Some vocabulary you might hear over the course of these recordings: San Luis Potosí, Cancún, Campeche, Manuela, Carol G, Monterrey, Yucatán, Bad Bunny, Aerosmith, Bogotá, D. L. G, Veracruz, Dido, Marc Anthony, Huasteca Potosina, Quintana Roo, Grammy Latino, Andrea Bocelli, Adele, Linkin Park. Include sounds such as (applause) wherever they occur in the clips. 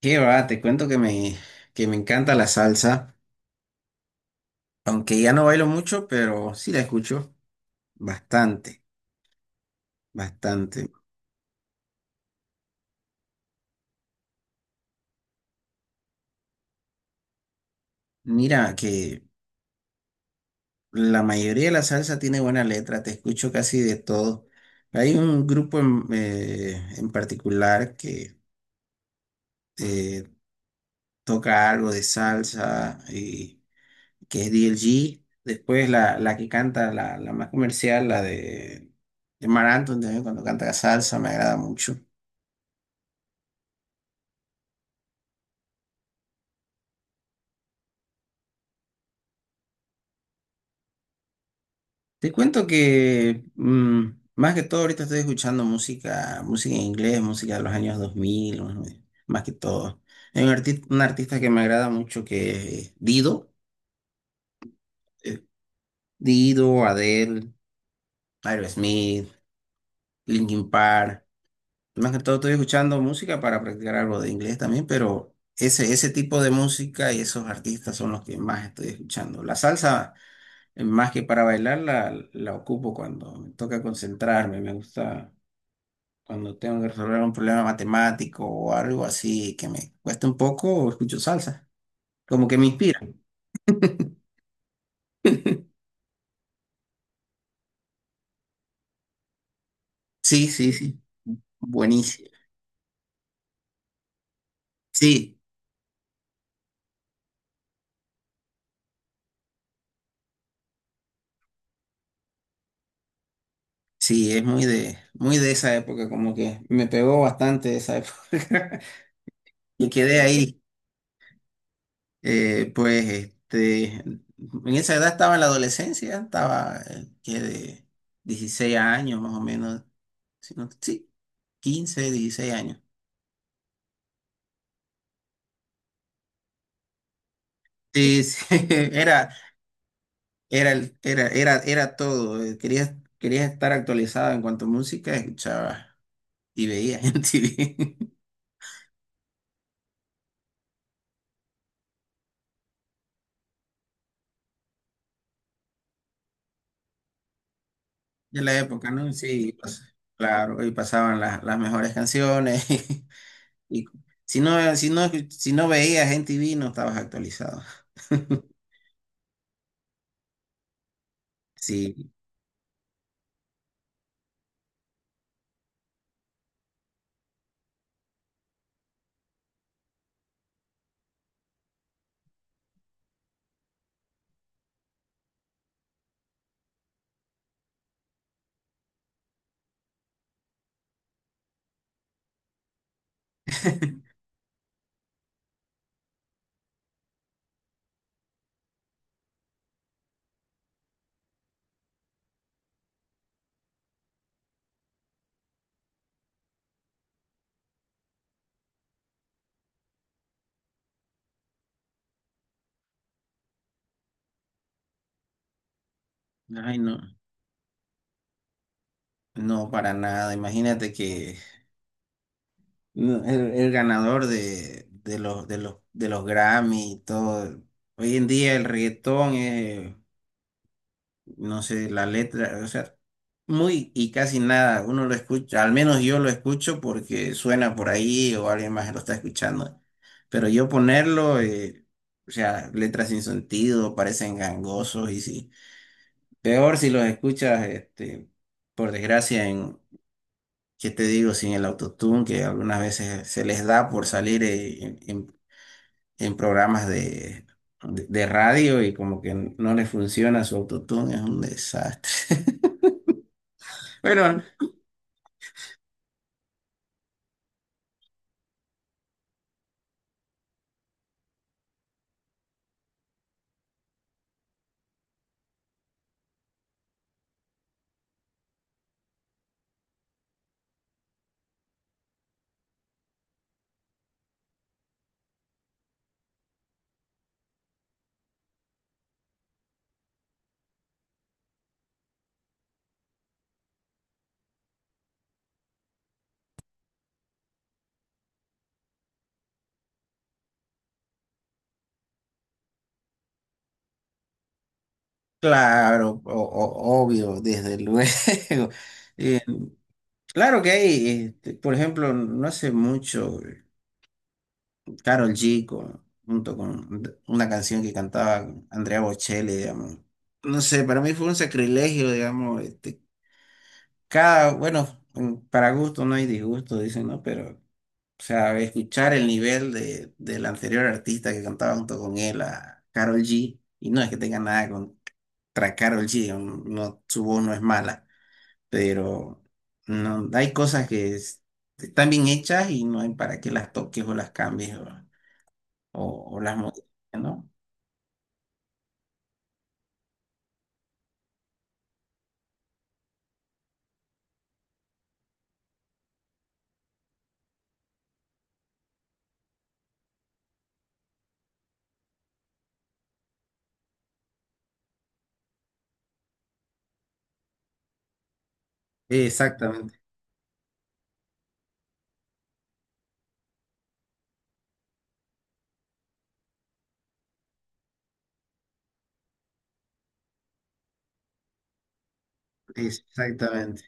Qué va, te cuento que me encanta la salsa, aunque ya no bailo mucho, pero sí la escucho bastante, bastante. Mira que la mayoría de la salsa tiene buena letra, te escucho casi de todo. Hay un grupo en particular que eh, toca algo de salsa y que es D. L. G. Después la que canta, la más comercial, de Marc Anthony también cuando canta salsa, me agrada mucho. Te cuento que más que todo ahorita estoy escuchando música, música en inglés, música de los años 2000, más que todo. Hay un artista que me agrada mucho que es Dido, eh, Dido, Adele, Aerosmith, Linkin Park. Más que todo estoy escuchando música para practicar algo de inglés también, pero ese tipo de música y esos artistas son los que más estoy escuchando. La salsa, más que para bailar, la ocupo cuando me toca concentrarme, me gusta. Cuando tengo que resolver un problema matemático o algo así que me cuesta un poco, escucho salsa. Como que me inspira. Sí, sí, sí. Buenísimo. Sí, sí, es muy de esa época, como que me pegó bastante esa época. (laughs) Y quedé ahí. En esa edad estaba en la adolescencia, estaba que de 16 años más o menos. Si Sí, 15 16 años. Sí, sí, (laughs) era el, era todo. Querías, querías estar actualizado en cuanto a música, escuchabas y veías en TV. (laughs) De la época, ¿no? Sí, pues, claro, y pasaban las mejores canciones. (laughs) Y si no, si no, si no veías en TV, no estabas actualizado. (laughs) Sí. (laughs) Ay, no, no para nada. Imagínate que no, el ganador de los Grammy y todo. Hoy en día el reggaetón es no sé, la letra, o sea, muy y casi nada, uno lo escucha, al menos yo lo escucho porque suena por ahí o alguien más lo está escuchando, pero yo ponerlo, o sea, letras sin sentido, parecen gangosos y sí, peor si los escuchas, este, por desgracia, ¿qué te digo? Sin el autotune, que algunas veces se les da por salir en programas de radio y como que no les funciona su autotune, es un desastre. (laughs) Bueno, claro, obvio, desde luego. (laughs) Eh, claro que hay, este, por ejemplo, no hace mucho, Carol G junto con una canción que cantaba Andrea Bocelli, digamos. No sé, para mí fue un sacrilegio, digamos. Este, cada, bueno, para gusto no hay disgusto, dicen, ¿no? Pero, o sea, escuchar el nivel del anterior artista que cantaba junto con él, a Carol G, y no es que tenga nada con, tras Karol G, digamos, no, su voz no es mala, pero no, hay cosas están bien hechas y no hay para qué las toques o las cambies o las modifiques, ¿no? Exactamente, exactamente.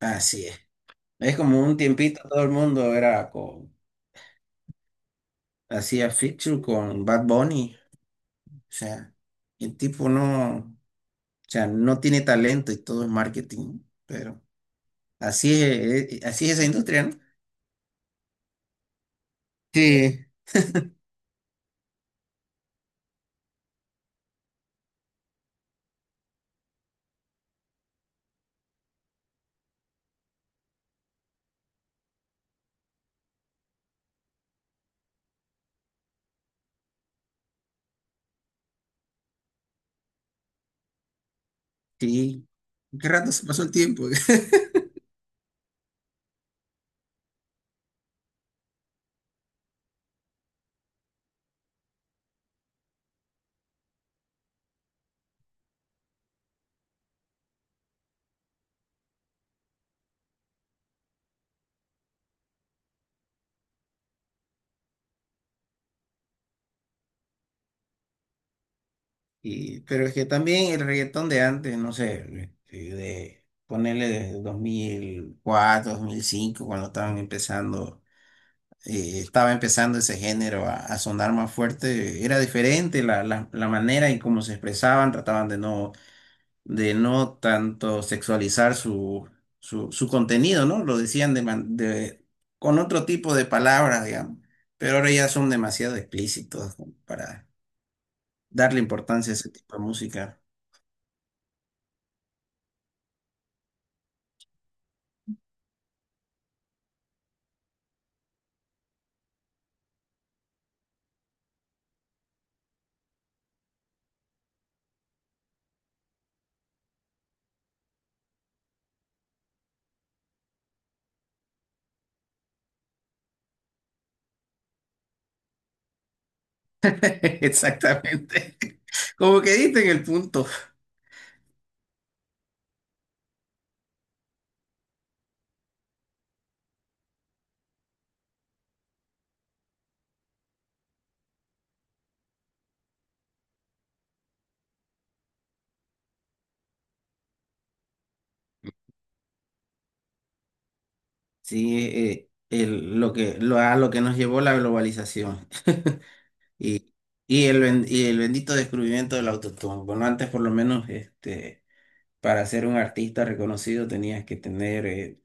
Así es. Es como un tiempito todo el mundo era con, hacía feature con Bad Bunny. O sea, el tipo no, o sea, no tiene talento y todo es marketing, pero así es esa industria, ¿no? Sí, sí. Qué rato se pasó el tiempo. (laughs) Y, pero es que también el reggaetón de antes, no sé, de ponerle de 2004, 2005 cuando estaban empezando, estaba empezando ese género a sonar más fuerte, era diferente la manera en cómo se expresaban, trataban de no tanto sexualizar su contenido, ¿no? Lo decían con otro tipo de palabras, digamos, pero ahora ya son demasiado explícitos para darle importancia a ese tipo de música. (laughs) Exactamente. Como que diste en el punto. Sí, lo que, lo, a lo que nos llevó la globalización y, y el bendito descubrimiento del autotune. Bueno, antes por lo menos este, para ser un artista reconocido tenías que tener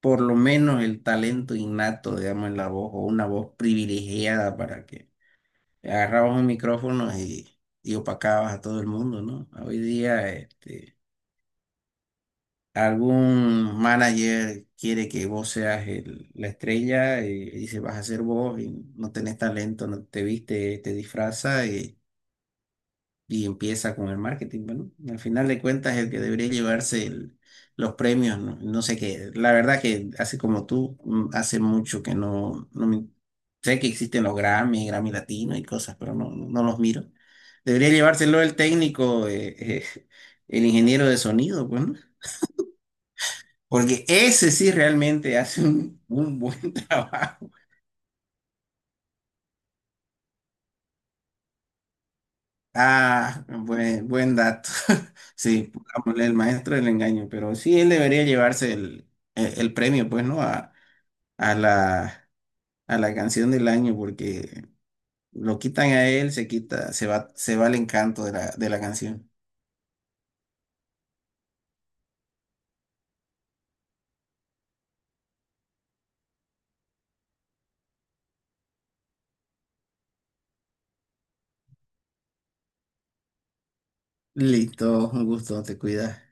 por lo menos el talento innato, digamos, en la voz o una voz privilegiada para que agarrabas un micrófono y opacabas a todo el mundo, ¿no? Hoy día. Este, algún manager quiere que vos seas la estrella y dice vas a ser vos y no tenés talento, no te viste, te disfraza y empieza con el marketing. Bueno, al final de cuentas el que debería llevarse los premios, no, no sé qué. La verdad que así como tú, hace mucho que no, no me- sé que existen los Grammy, Grammy Latino y cosas, pero no, no los miro. Debería llevárselo el técnico, (laughs) eh, el ingeniero de sonido, pues, ¿no? Porque ese sí realmente hace un buen (laughs) trabajo. Ah, buen, buen dato. (laughs) Sí, pongámosle el maestro del engaño, pero sí, él debería llevarse el premio, pues, ¿no? A, a la, a la canción del año, porque lo quitan a él, se quita, se va el encanto de de la canción. Listo, un gusto, te cuidas.